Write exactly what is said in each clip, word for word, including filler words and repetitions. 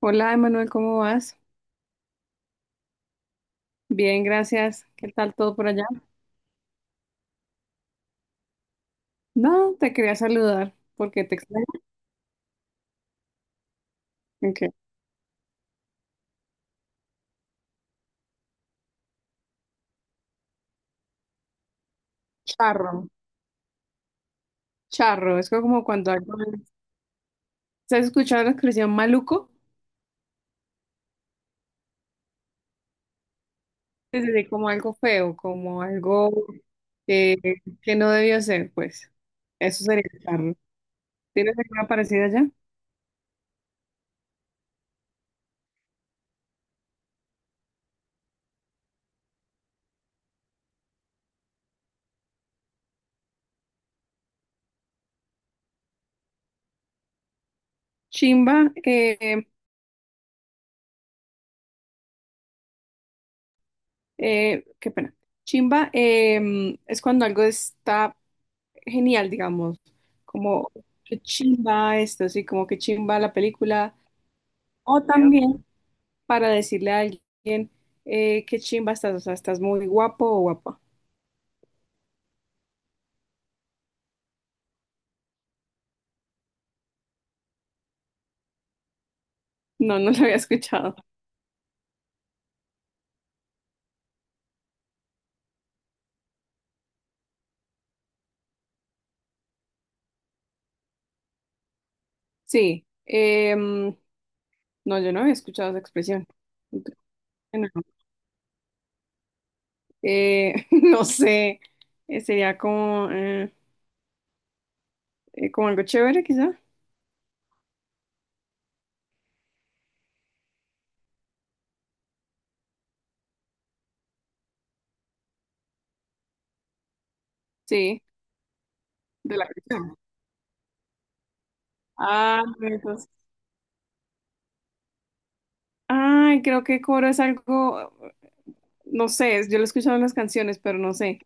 Hola, Emanuel, ¿cómo vas? Bien, gracias. ¿Qué tal todo por allá? No, te quería saludar porque te extraño. Ok. Charro, charro. Es como cuando algo... ¿Estás escuchando la expresión maluco? Es decir, como algo feo, como algo eh, que no debió ser, pues. Eso sería charro. ¿Tienes alguna parecida allá? Chimba, eh, eh, Qué pena. Chimba eh, es cuando algo está genial, digamos, como que chimba esto, sí, como que chimba la película, o también para decirle a alguien eh, que chimba estás, o sea, estás muy guapo o guapa. No, no lo había escuchado. Sí, em, no, yo no había escuchado esa expresión. Yo creo que no. Eh, no sé, eh, sería como, eh, eh, como algo chévere, quizá. Sí, de la canción. Ah, entonces. Ay, creo que coro es algo. No sé, yo lo he escuchado en las canciones, pero no sé,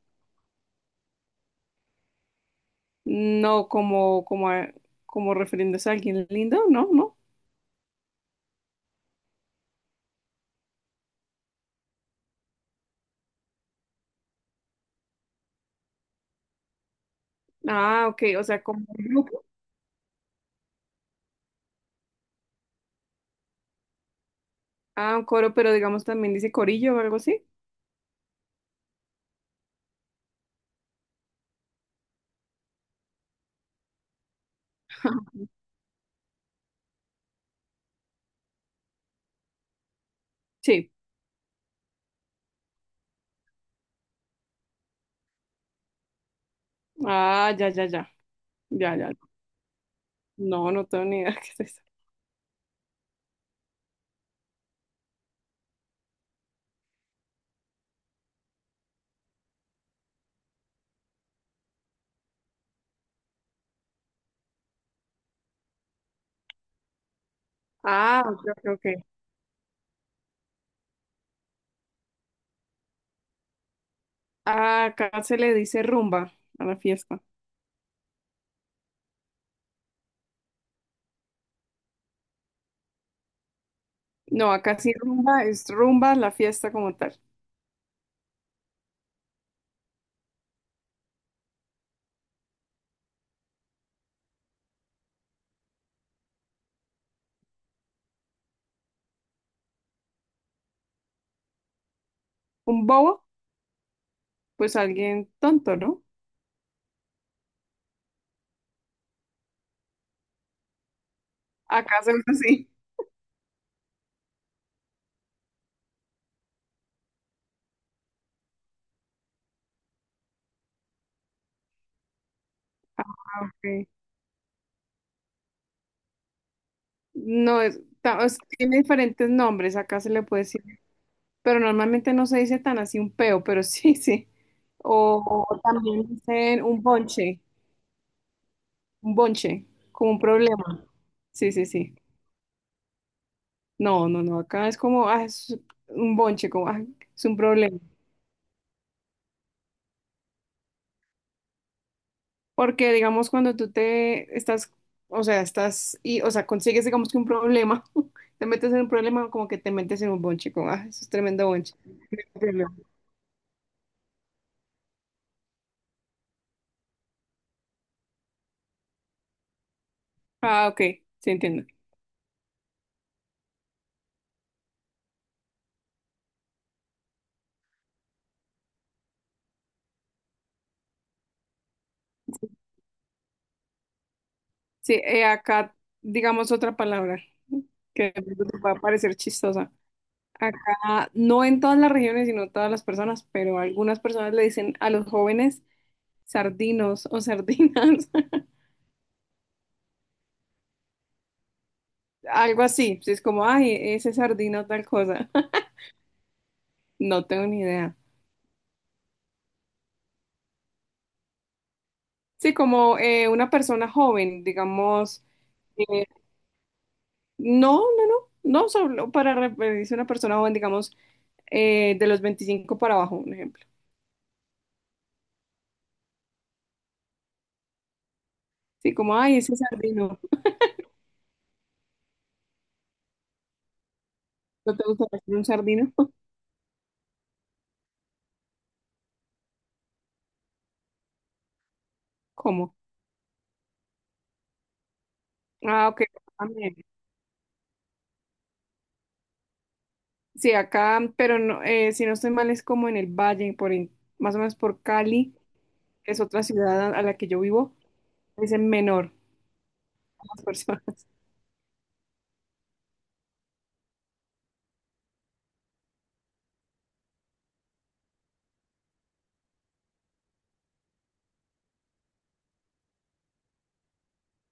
no como, como, a- como refiriéndose a alguien lindo, ¿no? ¿No? Ah, ok, o sea, como un grupo. Ah, un coro, pero digamos también dice corillo o algo así. Sí. Ah, ya, ya, ya, ya, ya. No, no tengo ni idea qué es eso. Ah, ok, ok, ok. Ah, acá se le dice rumba a la fiesta. No, acá sí rumba es rumba la fiesta como tal. Un bobo, pues alguien tonto, ¿no? Acá se usa así. Ah, ok. No, es, ta- es- tiene diferentes nombres, acá se le puede decir, pero normalmente no se dice tan así un peo, pero sí, sí. O, o también dicen un bonche, un bonche, como un problema. Sí, sí, sí. No, no, no, acá es como, ah, es un bonche, como, ah, es un problema. Porque, digamos, cuando tú te estás, o sea, estás, y, o sea, consigues, digamos que un problema, te metes en un problema, como que te metes en un bonche, como, ah, eso es tremendo bonche. Problema. Ah, ok, sí entiendo. Sí, eh, acá digamos otra palabra que de pronto te pueda parecer chistosa. Acá, no en todas las regiones, sino todas las personas, pero algunas personas le dicen a los jóvenes sardinos o sardinas, algo así. Sí, es como, ay, ese sardino tal cosa. No tengo ni idea. Sí, como eh, una persona joven, digamos, eh, no, no, no, no solo para referirse a una persona joven, digamos, eh, de los veinticinco para abajo, un ejemplo. Sí, como, ay, ese sardino. ¿No te gusta hacer un sardino? ¿Cómo? Ah, ok. También. Sí, acá, pero no, eh, si no estoy mal, es como en el valle, por en- más o menos por Cali, que es otra ciudad a, a la que yo vivo, es en menor a las personas.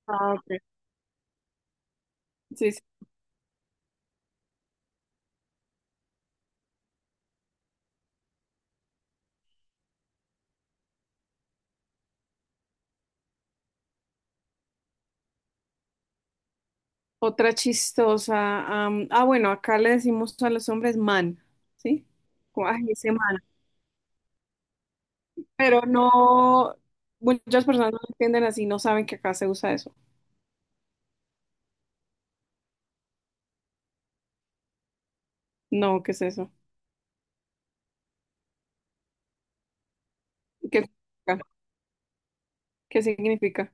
Ah, ok. Sí, sí. Otra chistosa. Am, ah, bueno, acá le decimos a los hombres man, ¿sí? Como, ay, ese man. Pero no, muchas personas no lo entienden así, no saben que acá se usa eso. No, ¿qué es eso? ¿Qué significa? ¿Qué significa?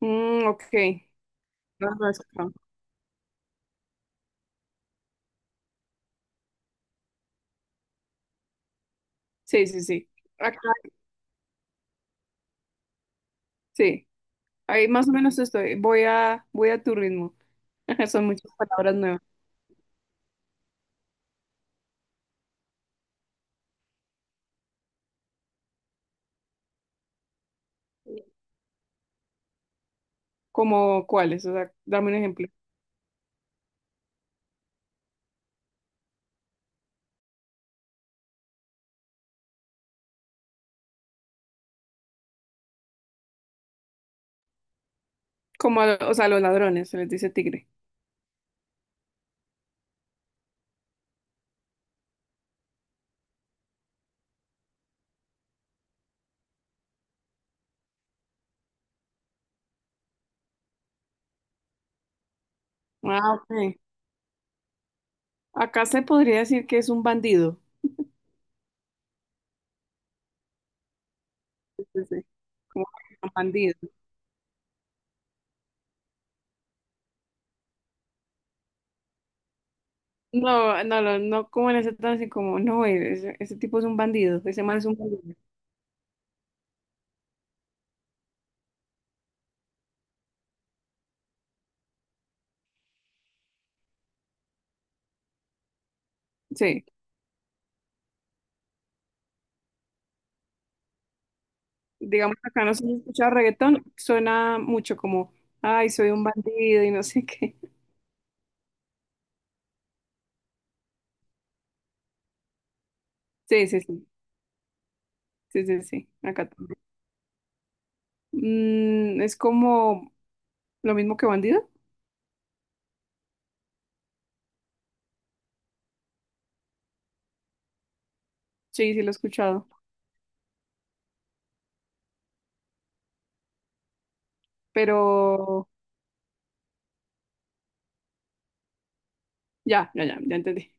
Mm, ok. Ajá, es acá. Sí, sí, sí. Acá, sí. Ahí más o menos estoy. Voy a, voy a tu ritmo. Son muchas palabras nuevas. ¿Como cuáles? O sea, dame un ejemplo. Como, a- o sea, a los ladrones, se les dice tigre. Ah, ok. Acá se podría decir que es un bandido. Sí, sí, sí. Como un bandido. No, no, no, no como en ese tono así como, no, ese, ese tipo es un bandido, ese man es un bandido. Sí, digamos que acá no se escucha reggaetón, suena mucho como, ay, soy un bandido y no sé qué. Sí, sí, sí, sí, sí, sí, acá también. Mm, es como lo mismo que bandido. Sí, sí, lo he escuchado, pero ya, ya, ya, ya entendí.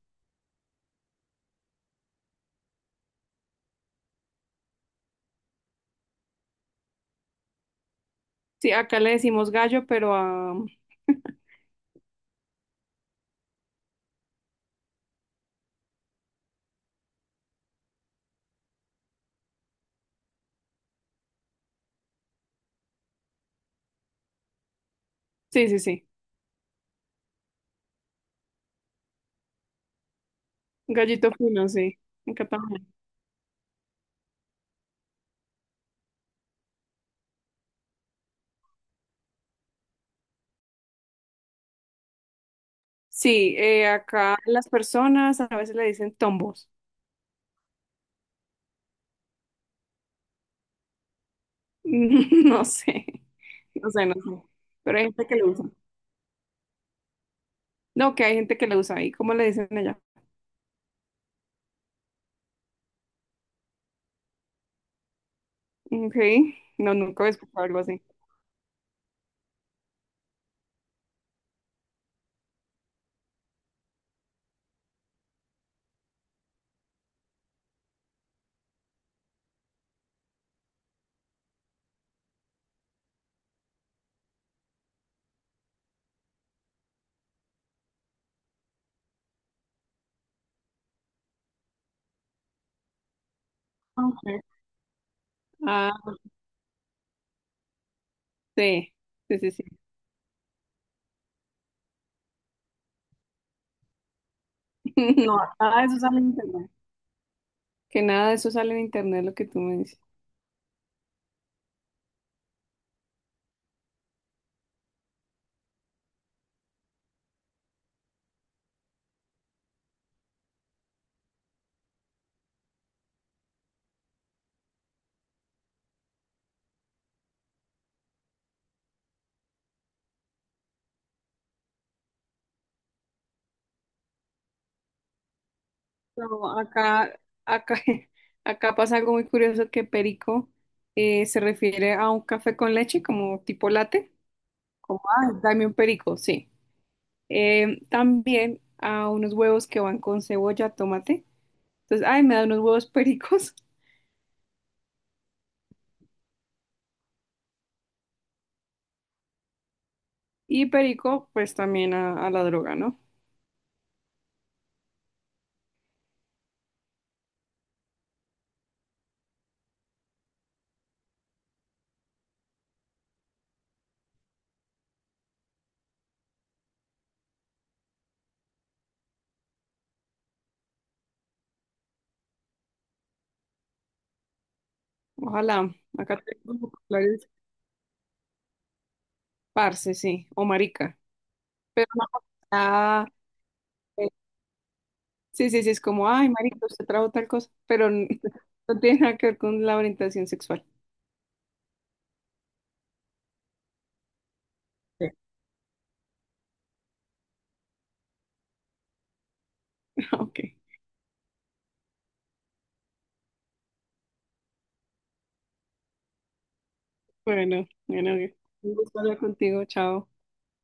Sí, acá le decimos gallo, pero a... Sí, sí, sí, gallito fino, sí, acá también. Sí, eh, acá las personas a veces le dicen tombos. No sé, no sé, no sé, pero hay gente que lo usa. No, que hay gente que lo usa ahí, ¿cómo le dicen allá? Ok, no, nunca he escuchado algo así. Ok. Ah, sí, sí, sí, sí. No, nada de eso sale en internet. Que nada de eso sale en internet, lo que tú me dices. No, acá, acá, acá pasa algo muy curioso que perico eh, se refiere a un café con leche, como tipo latte, como, ah, dame un perico, sí. Eh, también a unos huevos que van con cebolla, tomate. Entonces, ay, me da unos huevos pericos. Y perico, pues también a, a la droga, ¿no? Ojalá, acá tengo los parce, sí, o marica. Pero no, ah, sí, sí, sí, es como, ay, marica, usted trajo tal cosa, pero n- no tiene nada que ver con la orientación sexual. Sí. Ok, bueno, bueno, un gusto hablar contigo, chao.